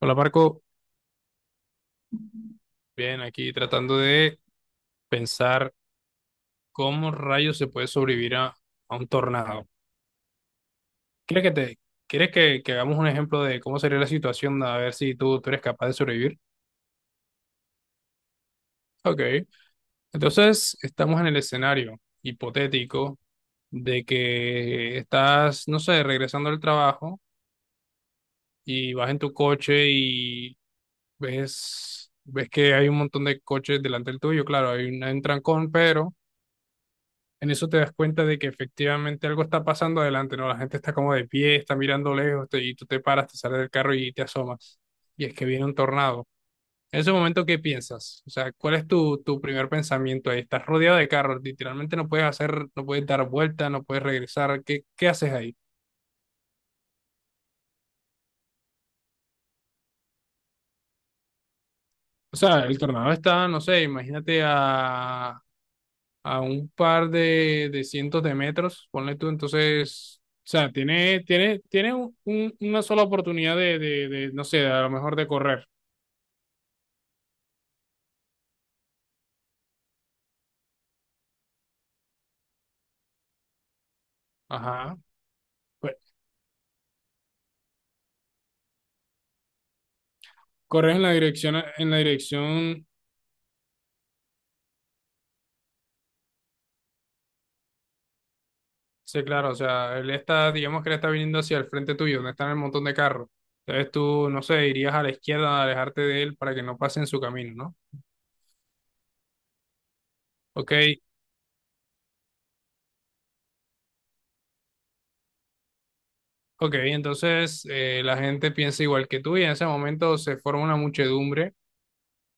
Hola Marco, bien, aquí tratando de pensar cómo rayos se puede sobrevivir a un tornado. ¿Quieres que te, quieres que hagamos un ejemplo de cómo sería la situación a ver si tú eres capaz de sobrevivir? Ok, entonces estamos en el escenario hipotético de que estás, no sé, regresando al trabajo y vas en tu coche y ves que hay un montón de coches delante del tuyo, claro, hay un trancón, pero en eso te das cuenta de que efectivamente algo está pasando adelante, ¿no? La gente está como de pie, está mirando lejos y tú te paras, te sales del carro y te asomas. Y es que viene un tornado. En ese momento, ¿qué piensas? O sea, ¿cuál es tu primer pensamiento ahí? Estás rodeado de carros, literalmente no puedes dar vuelta, no puedes regresar. ¿ qué haces ahí? O sea, el tornado está, no sé, imagínate a un par de cientos de metros, ponle tú, entonces, o sea, tiene una sola oportunidad no sé, a lo mejor de correr. Ajá. Pues corres en la en la dirección, sí, claro, o sea, él está, digamos que él está viniendo hacia el frente tuyo, donde están el montón de carros. Entonces tú, no sé, irías a la izquierda a alejarte de él para que no pase en su camino, ¿no? Ok, ok, entonces la gente piensa igual que tú y en ese momento se forma una muchedumbre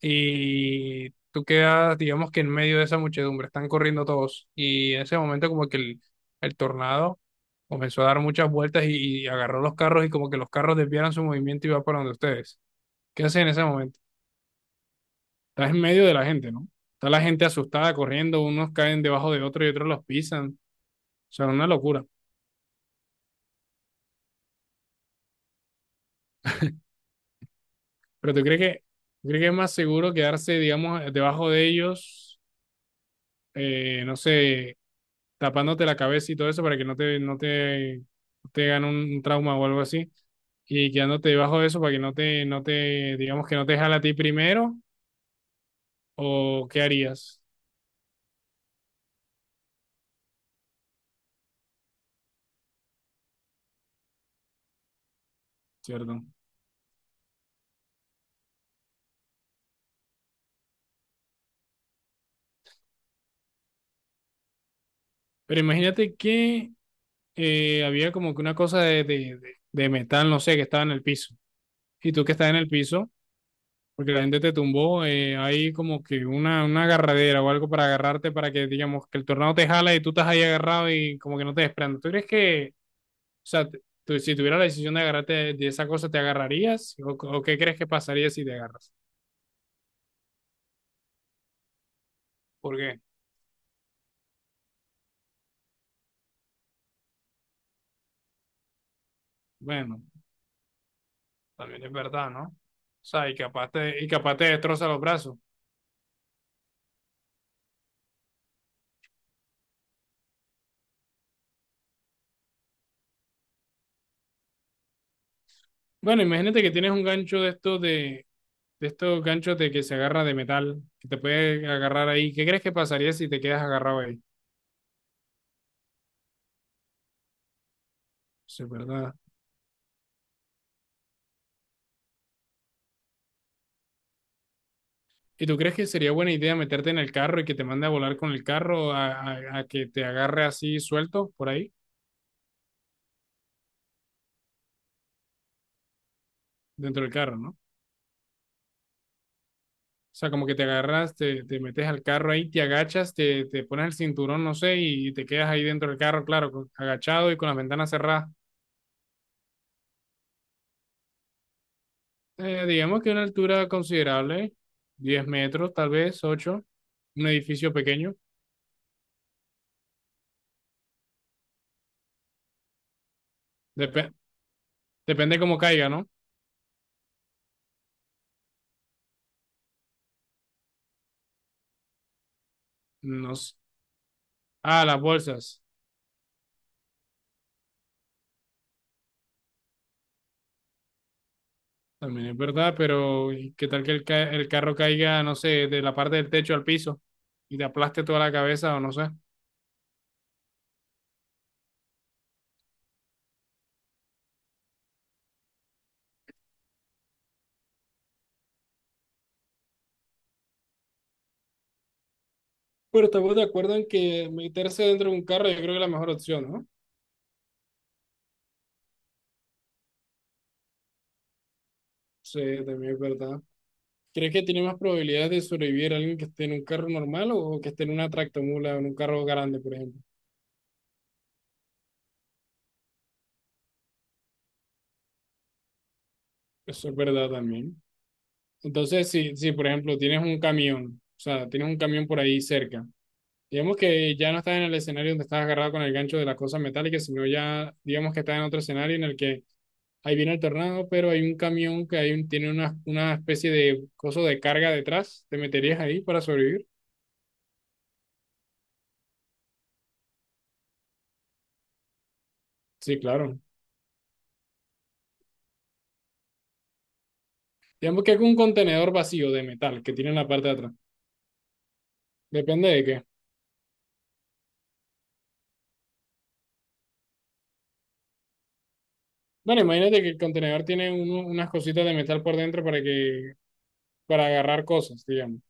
y tú quedas, digamos que en medio de esa muchedumbre, están corriendo todos y en ese momento como que el tornado comenzó a dar muchas vueltas y agarró los carros y como que los carros desviaron su movimiento y va para donde ustedes. ¿Qué hacen en ese momento? Estás en medio de la gente, ¿no? Está la gente asustada corriendo, unos caen debajo de otros y otros los pisan. O sea, una locura. Pero tú crees que, tú crees que es más seguro quedarse, digamos, debajo de ellos, no sé, tapándote la cabeza y todo eso para que no te gane un trauma o algo así. Y quedándote debajo de eso para que digamos que no te jala a ti primero, o qué harías, ¿cierto? Pero imagínate que había como que una cosa de metal, no sé, que estaba en el piso. Y tú que estás en el piso, porque la gente te tumbó, hay como que una agarradera o algo para agarrarte para que, digamos, que el tornado te jala y tú estás ahí agarrado y como que no te desprendas. ¿Tú crees que O sea, te- si tuvieras la decisión de agarrarte de esa cosa, ¿te agarrarías? ¿ o qué crees que pasaría si te agarras? Porque, bueno, también es verdad, ¿no? O sea, y capaz te destroza los brazos. Bueno, imagínate que tienes un gancho de estos ganchos de que se agarra de metal, que te puede agarrar ahí. ¿Qué crees que pasaría si te quedas agarrado ahí? Eso es verdad. ¿Y tú crees que sería buena idea meterte en el carro y que te mande a volar con el carro a que te agarre así suelto por ahí? Dentro del carro, ¿no? O sea, como que te te metes al carro ahí, te agachas, te pones el cinturón, no sé, y te quedas ahí dentro del carro, claro, con- agachado y con las ventanas cerradas. Digamos que una altura considerable, 10 metros, tal vez, 8, un edificio pequeño. Dep- depende cómo caiga, ¿no? No sé. Ah, las bolsas, también es verdad, pero ¿y ¿qué tal que el carro caiga, no sé, de la parte del techo al piso y te aplaste toda la cabeza o no sé? Pero estamos de acuerdo en que meterse dentro de un carro yo creo que es la mejor opción, ¿no? Sí, también es verdad. ¿Crees que tiene más probabilidades de sobrevivir alguien que esté en un carro normal o que esté en una tractomula o en un carro grande, por ejemplo? Eso es verdad también. Entonces, si por ejemplo tienes un camión, o sea, tienes un camión por ahí cerca, digamos que ya no estás en el escenario donde estás agarrado con el gancho de la cosa metálica, sino ya, digamos que estás en otro escenario en el que ahí viene el tornado, pero hay un camión que tiene una especie de coso de carga detrás, ¿te meterías ahí para sobrevivir? Sí, claro. Digamos que es un contenedor vacío de metal que tiene en la parte de atrás. Depende de qué. Bueno, imagínate que el contenedor tiene uno- unas cositas de metal por dentro para agarrar cosas, digamos.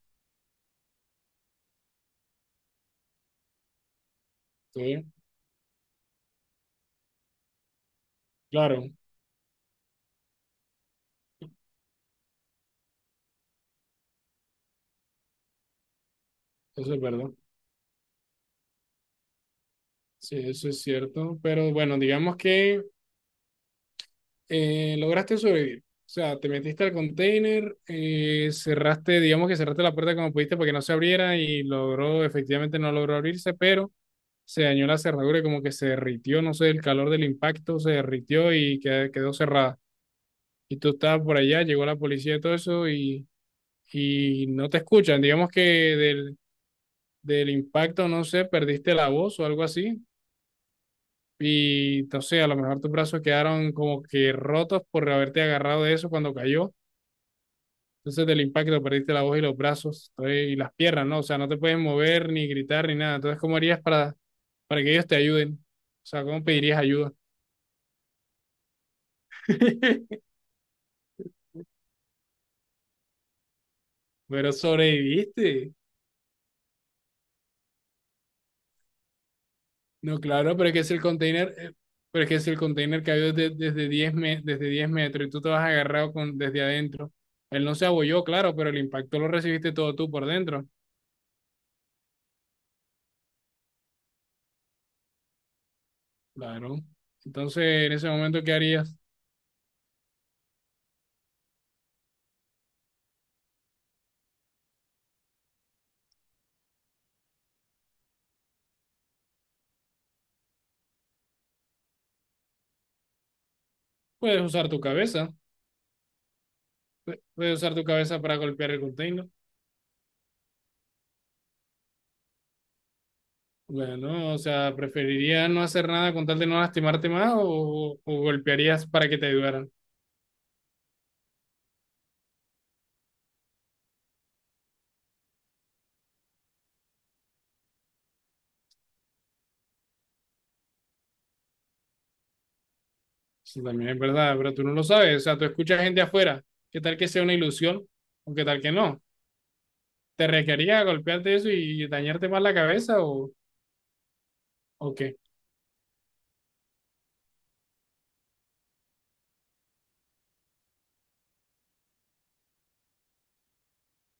Sí, claro, eso es verdad. Sí, eso es cierto. Pero bueno, digamos que lograste sobrevivir. O sea, te metiste al container, cerraste, digamos que cerraste la puerta como pudiste para que no se abriera y logró, efectivamente no logró abrirse, pero se dañó la cerradura y como que se derritió, no sé, el calor del impacto se derritió y que- quedó cerrada. Y tú estabas por allá, llegó la policía y todo eso y no te escuchan. Digamos que del impacto, no sé, perdiste la voz o algo así. Y no sé, a lo mejor tus brazos quedaron como que rotos por haberte agarrado de eso cuando cayó. Entonces del impacto perdiste la voz y los brazos entonces, y las piernas, ¿no? O sea, no te puedes mover ni gritar ni nada. Entonces, ¿cómo harías para que ellos te ayuden? O sea, ¿cómo pedirías ayuda? Pero sobreviviste. No, claro, pero es que es el container, pero es que es el container que había desde desde 10 metros y tú te vas agarrado con, desde adentro. Él no se abolló, claro, pero el impacto lo recibiste todo tú por dentro. Claro. Entonces, en ese momento, ¿qué harías? Puedes usar tu cabeza. Puedes usar tu cabeza para golpear el container. Bueno, o sea, ¿preferirías no hacer nada con tal de no lastimarte más o golpearías para que te ayudaran? Eso también es verdad, pero tú no lo sabes. O sea, tú escuchas gente afuera. ¿Qué tal que sea una ilusión o qué tal que no? ¿Te requería golpearte eso y dañarte más la cabeza o qué?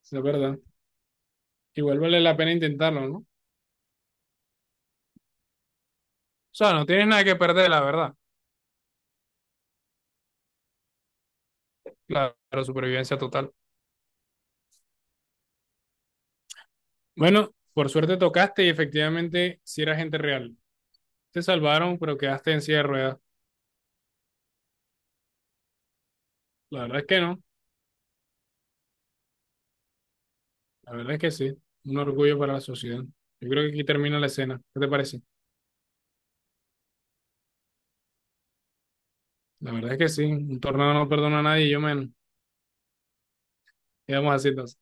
Es verdad. Igual vale la pena intentarlo, ¿no? O sea, no tienes nada que perder, la verdad. Claro, supervivencia total. Bueno, por suerte tocaste y efectivamente si era gente real. Te salvaron, pero quedaste en silla de ruedas. La verdad es que no. La verdad es que sí. Un orgullo para la sociedad. Yo creo que aquí termina la escena. ¿Qué te parece? La verdad es que sí. Un tornado no perdona a nadie y yo menos. Quedamos así entonces.